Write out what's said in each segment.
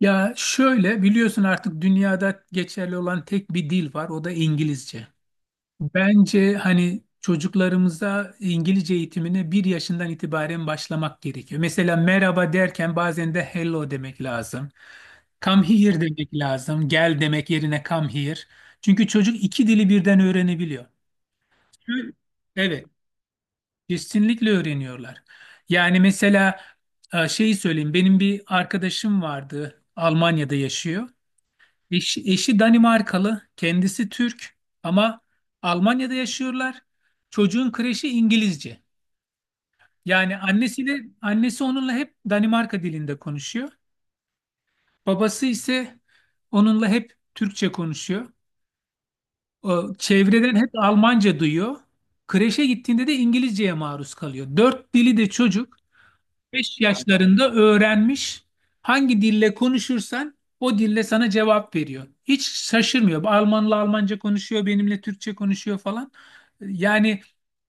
Ya, şöyle biliyorsun artık dünyada geçerli olan tek bir dil var, o da İngilizce. Bence hani çocuklarımıza İngilizce eğitimine bir yaşından itibaren başlamak gerekiyor. Mesela merhaba derken bazen de hello demek lazım. Come here demek lazım. Gel demek yerine come here. Çünkü çocuk iki dili birden öğrenebiliyor. Evet, kesinlikle öğreniyorlar. Yani mesela şeyi söyleyeyim, benim bir arkadaşım vardı, Almanya'da yaşıyor. Eşi Danimarkalı, kendisi Türk ama Almanya'da yaşıyorlar. Çocuğun kreşi İngilizce. Yani annesi onunla hep Danimarka dilinde konuşuyor. Babası ise onunla hep Türkçe konuşuyor. O, çevreden hep Almanca duyuyor. Kreşe gittiğinde de İngilizceye maruz kalıyor. Dört dili de çocuk beş yaşlarında öğrenmiş. Hangi dille konuşursan o dille sana cevap veriyor. Hiç şaşırmıyor. Almanla Almanca konuşuyor, benimle Türkçe konuşuyor falan. Yani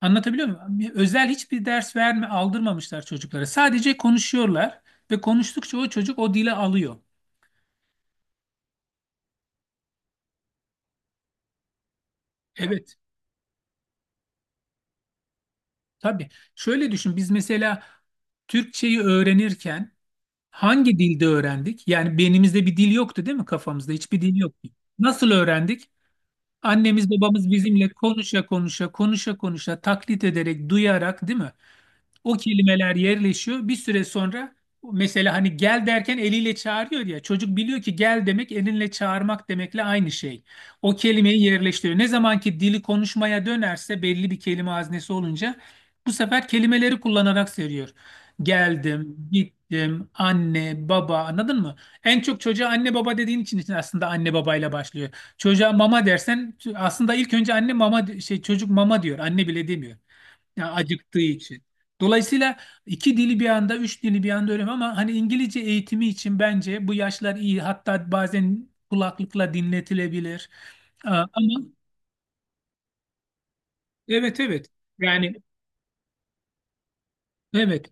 anlatabiliyor muyum? Özel hiçbir ders verme, aldırmamışlar çocuklara. Sadece konuşuyorlar ve konuştukça o çocuk o dile alıyor. Evet, tabii. Şöyle düşün, biz mesela Türkçeyi öğrenirken hangi dilde öğrendik? Yani beynimizde bir dil yoktu değil mi, kafamızda? Hiçbir dil yoktu. Nasıl öğrendik? Annemiz babamız bizimle konuşa konuşa konuşa konuşa taklit ederek, duyarak değil mi? O kelimeler yerleşiyor. Bir süre sonra mesela hani gel derken eliyle çağırıyor ya. Çocuk biliyor ki gel demek elinle çağırmak demekle aynı şey. O kelimeyi yerleştiriyor. Ne zaman ki dili konuşmaya dönerse, belli bir kelime haznesi olunca bu sefer kelimeleri kullanarak seriyor. Geldim, gittim, anne, baba, anladın mı? En çok çocuğa anne baba dediğin için aslında anne babayla başlıyor. Çocuğa mama dersen aslında ilk önce anne mama çocuk mama diyor. Anne bile demiyor. Yani acıktığı için. Dolayısıyla iki dili bir anda, üç dili bir anda öğrenmem ama hani İngilizce eğitimi için bence bu yaşlar iyi. Hatta bazen kulaklıkla dinletilebilir. Aa, ama evet, evet. Yani evet.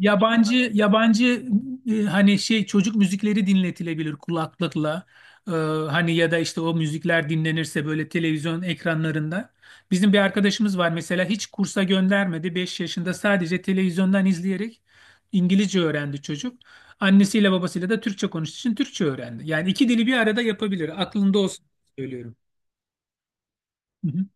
Yabancı hani çocuk müzikleri dinletilebilir kulaklıkla. Ee, hani ya da işte o müzikler dinlenirse böyle televizyon ekranlarında. Bizim bir arkadaşımız var mesela, hiç kursa göndermedi. 5 yaşında sadece televizyondan izleyerek İngilizce öğrendi çocuk. Annesiyle babasıyla da Türkçe konuştuğu için Türkçe öğrendi. Yani iki dili bir arada yapabilir. Aklında olsun, söylüyorum. Hı hı.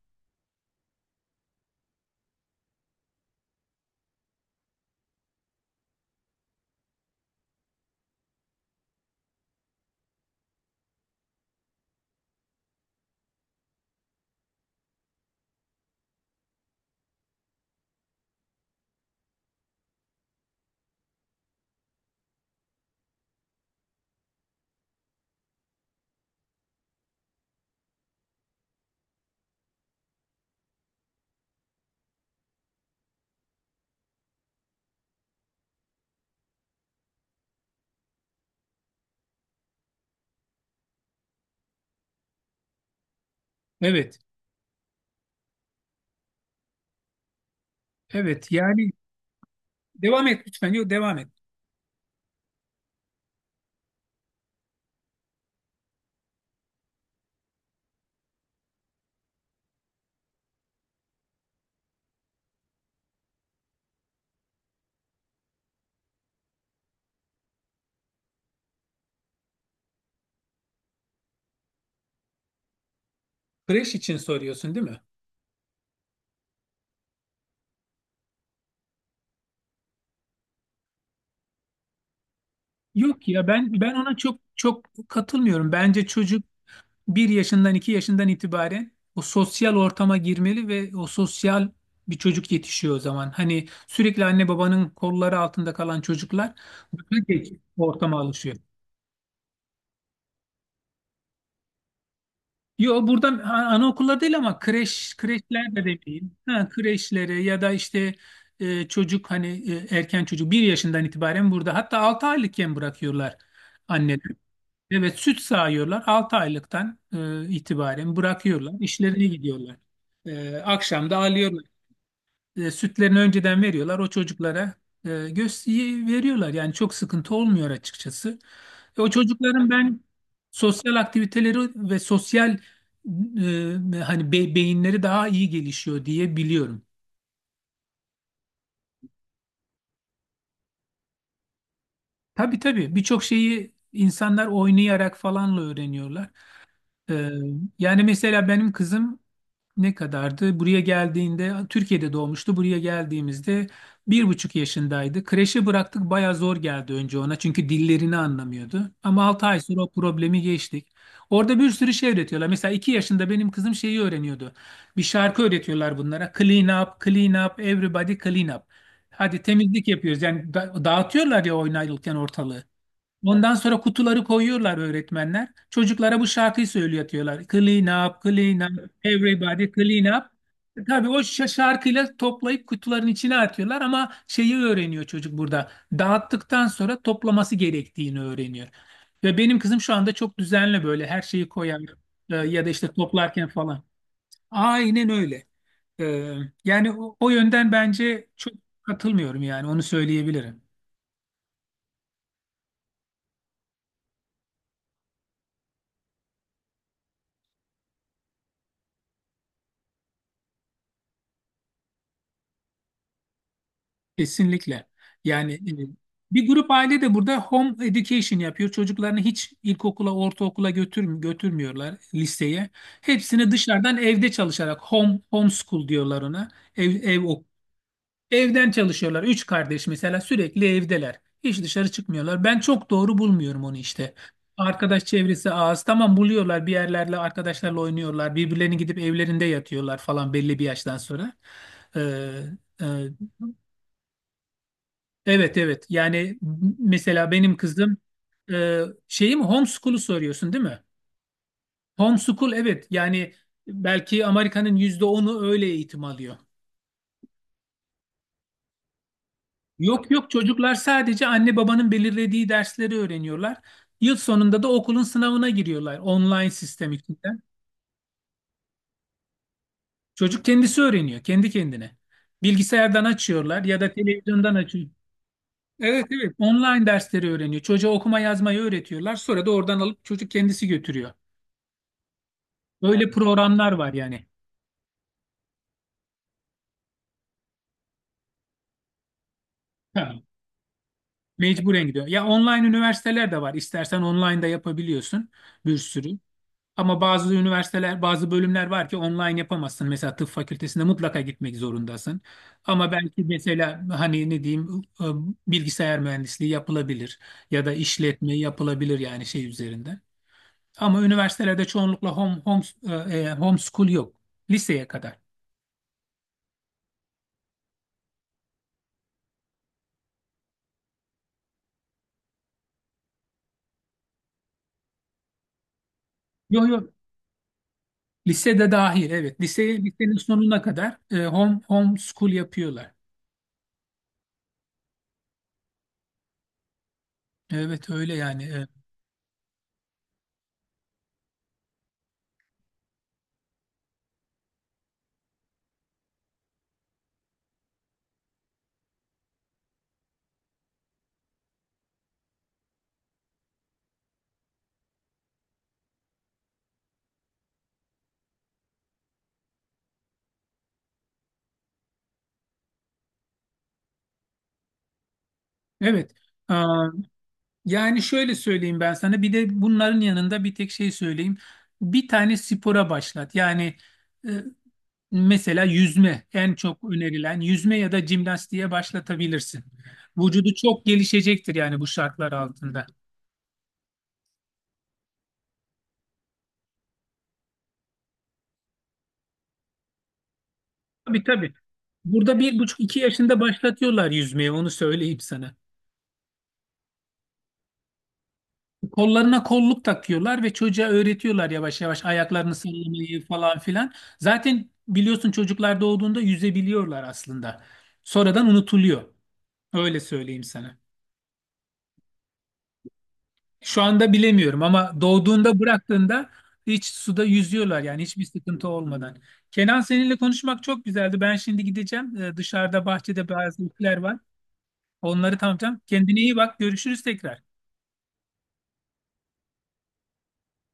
Evet. Evet. Yani devam et lütfen. Yok, devam et. Kreş için soruyorsun değil mi? Yok ya, ben ona çok çok katılmıyorum. Bence çocuk bir yaşından, iki yaşından itibaren o sosyal ortama girmeli ve o sosyal bir çocuk yetişiyor o zaman. Hani sürekli anne babanın kolları altında kalan çocuklar daha geç ortama alışıyor. Yo, burada anaokulları değil ama kreşler de demeyeyim. Ha, kreşlere ya da işte çocuk hani erken çocuk bir yaşından itibaren burada, hatta 6 aylıkken bırakıyorlar anneler. Evet, süt sağıyorlar. 6 aylıktan itibaren bırakıyorlar. İşlerine gidiyorlar. Akşam da alıyorlar. Sütlerini önceden veriyorlar. O çocuklara göz veriyorlar. Yani çok sıkıntı olmuyor açıkçası. O çocukların ben sosyal aktiviteleri ve sosyal, hani beyinleri daha iyi gelişiyor diye biliyorum. Tabii, tabii, birçok şeyi insanlar oynayarak falanla öğreniyorlar. E, Yani mesela benim kızım ne kadardı? Buraya geldiğinde Türkiye'de doğmuştu. Buraya geldiğimizde 1,5 yaşındaydı. Kreşe bıraktık, baya zor geldi önce ona çünkü dillerini anlamıyordu. Ama 6 ay sonra o problemi geçtik. Orada bir sürü şey öğretiyorlar. Mesela 2 yaşında benim kızım şeyi öğreniyordu. Bir şarkı öğretiyorlar bunlara. Clean up, clean up, everybody clean up. Hadi temizlik yapıyoruz. Yani dağıtıyorlar ya oynarken ortalığı. Ondan sonra kutuları koyuyorlar öğretmenler. Çocuklara bu şarkıyı söylüyorlar. Clean up, clean up, everybody clean up. Tabii, o şarkıyla toplayıp kutuların içine atıyorlar ama şeyi öğreniyor çocuk burada. Dağıttıktan sonra toplaması gerektiğini öğreniyor. Ve benim kızım şu anda çok düzenli, böyle her şeyi koyar ya da işte toplarken falan. Aynen öyle. E, Yani o yönden bence çok katılmıyorum, yani onu söyleyebilirim. Kesinlikle. Yani bir grup aile de burada home education yapıyor. Çocuklarını hiç ilkokula, ortaokula götürmüyorlar, liseye. Hepsini dışarıdan evde çalışarak homeschool diyorlar ona. Ev ev ok- Evden çalışıyorlar. Üç kardeş mesela, sürekli evdeler. Hiç dışarı çıkmıyorlar. Ben çok doğru bulmuyorum onu işte. Arkadaş çevresi az. Tamam, buluyorlar bir yerlerle, arkadaşlarla oynuyorlar. Birbirlerini gidip evlerinde yatıyorlar falan belli bir yaştan sonra. Ee, e, Evet, evet. Yani mesela benim kızım, e, şeyi mi, homeschool'u soruyorsun değil mi? Homeschool, evet. Yani belki Amerika'nın %10'u öyle eğitim alıyor. Yok, yok, çocuklar sadece anne babanın belirlediği dersleri öğreniyorlar. Yıl sonunda da okulun sınavına giriyorlar online sistem içinden. Çocuk kendisi öğreniyor kendi kendine. Bilgisayardan açıyorlar ya da televizyondan açıyor. Evet, evet, online dersleri öğreniyor. Çocuğa okuma yazmayı öğretiyorlar. Sonra da oradan alıp çocuk kendisi götürüyor. Öyle programlar var yani. Ha, mecburen gidiyor. Ya, online üniversiteler de var. İstersen online da yapabiliyorsun, bir sürü. Ama bazı üniversiteler, bazı bölümler var ki online yapamazsın. Mesela tıp fakültesinde mutlaka gitmek zorundasın. Ama belki mesela hani ne diyeyim, bilgisayar mühendisliği yapılabilir ya da işletme yapılabilir, yani üzerinde. Ama üniversitelerde çoğunlukla home homeschool yok. Liseye kadar. Yok, yok, lisede dahil evet. Lisenin sonuna kadar home school yapıyorlar. Evet, öyle yani. Evet. Aa, yani şöyle söyleyeyim ben sana, bir de bunların yanında bir tek şey söyleyeyim. Bir tane spora başlat. Yani e, mesela yüzme en çok önerilen, yüzme ya da jimnastiğe başlatabilirsin. Vücudu çok gelişecektir yani bu şartlar altında. Tabii, tabii. Burada 1,5-2 yaşında başlatıyorlar yüzmeye, onu söyleyeyim sana. Kollarına kolluk takıyorlar ve çocuğa öğretiyorlar yavaş yavaş ayaklarını sallamayı falan filan. Zaten biliyorsun, çocuklar doğduğunda yüzebiliyorlar aslında. Sonradan unutuluyor. Öyle söyleyeyim sana. Şu anda bilemiyorum ama doğduğunda, bıraktığında hiç suda yüzüyorlar yani, hiçbir sıkıntı olmadan. Kenan, seninle konuşmak çok güzeldi. Ben şimdi gideceğim. Dışarıda bahçede bazı işler var. Onları tamamlayacağım. Kendine iyi bak. Görüşürüz tekrar.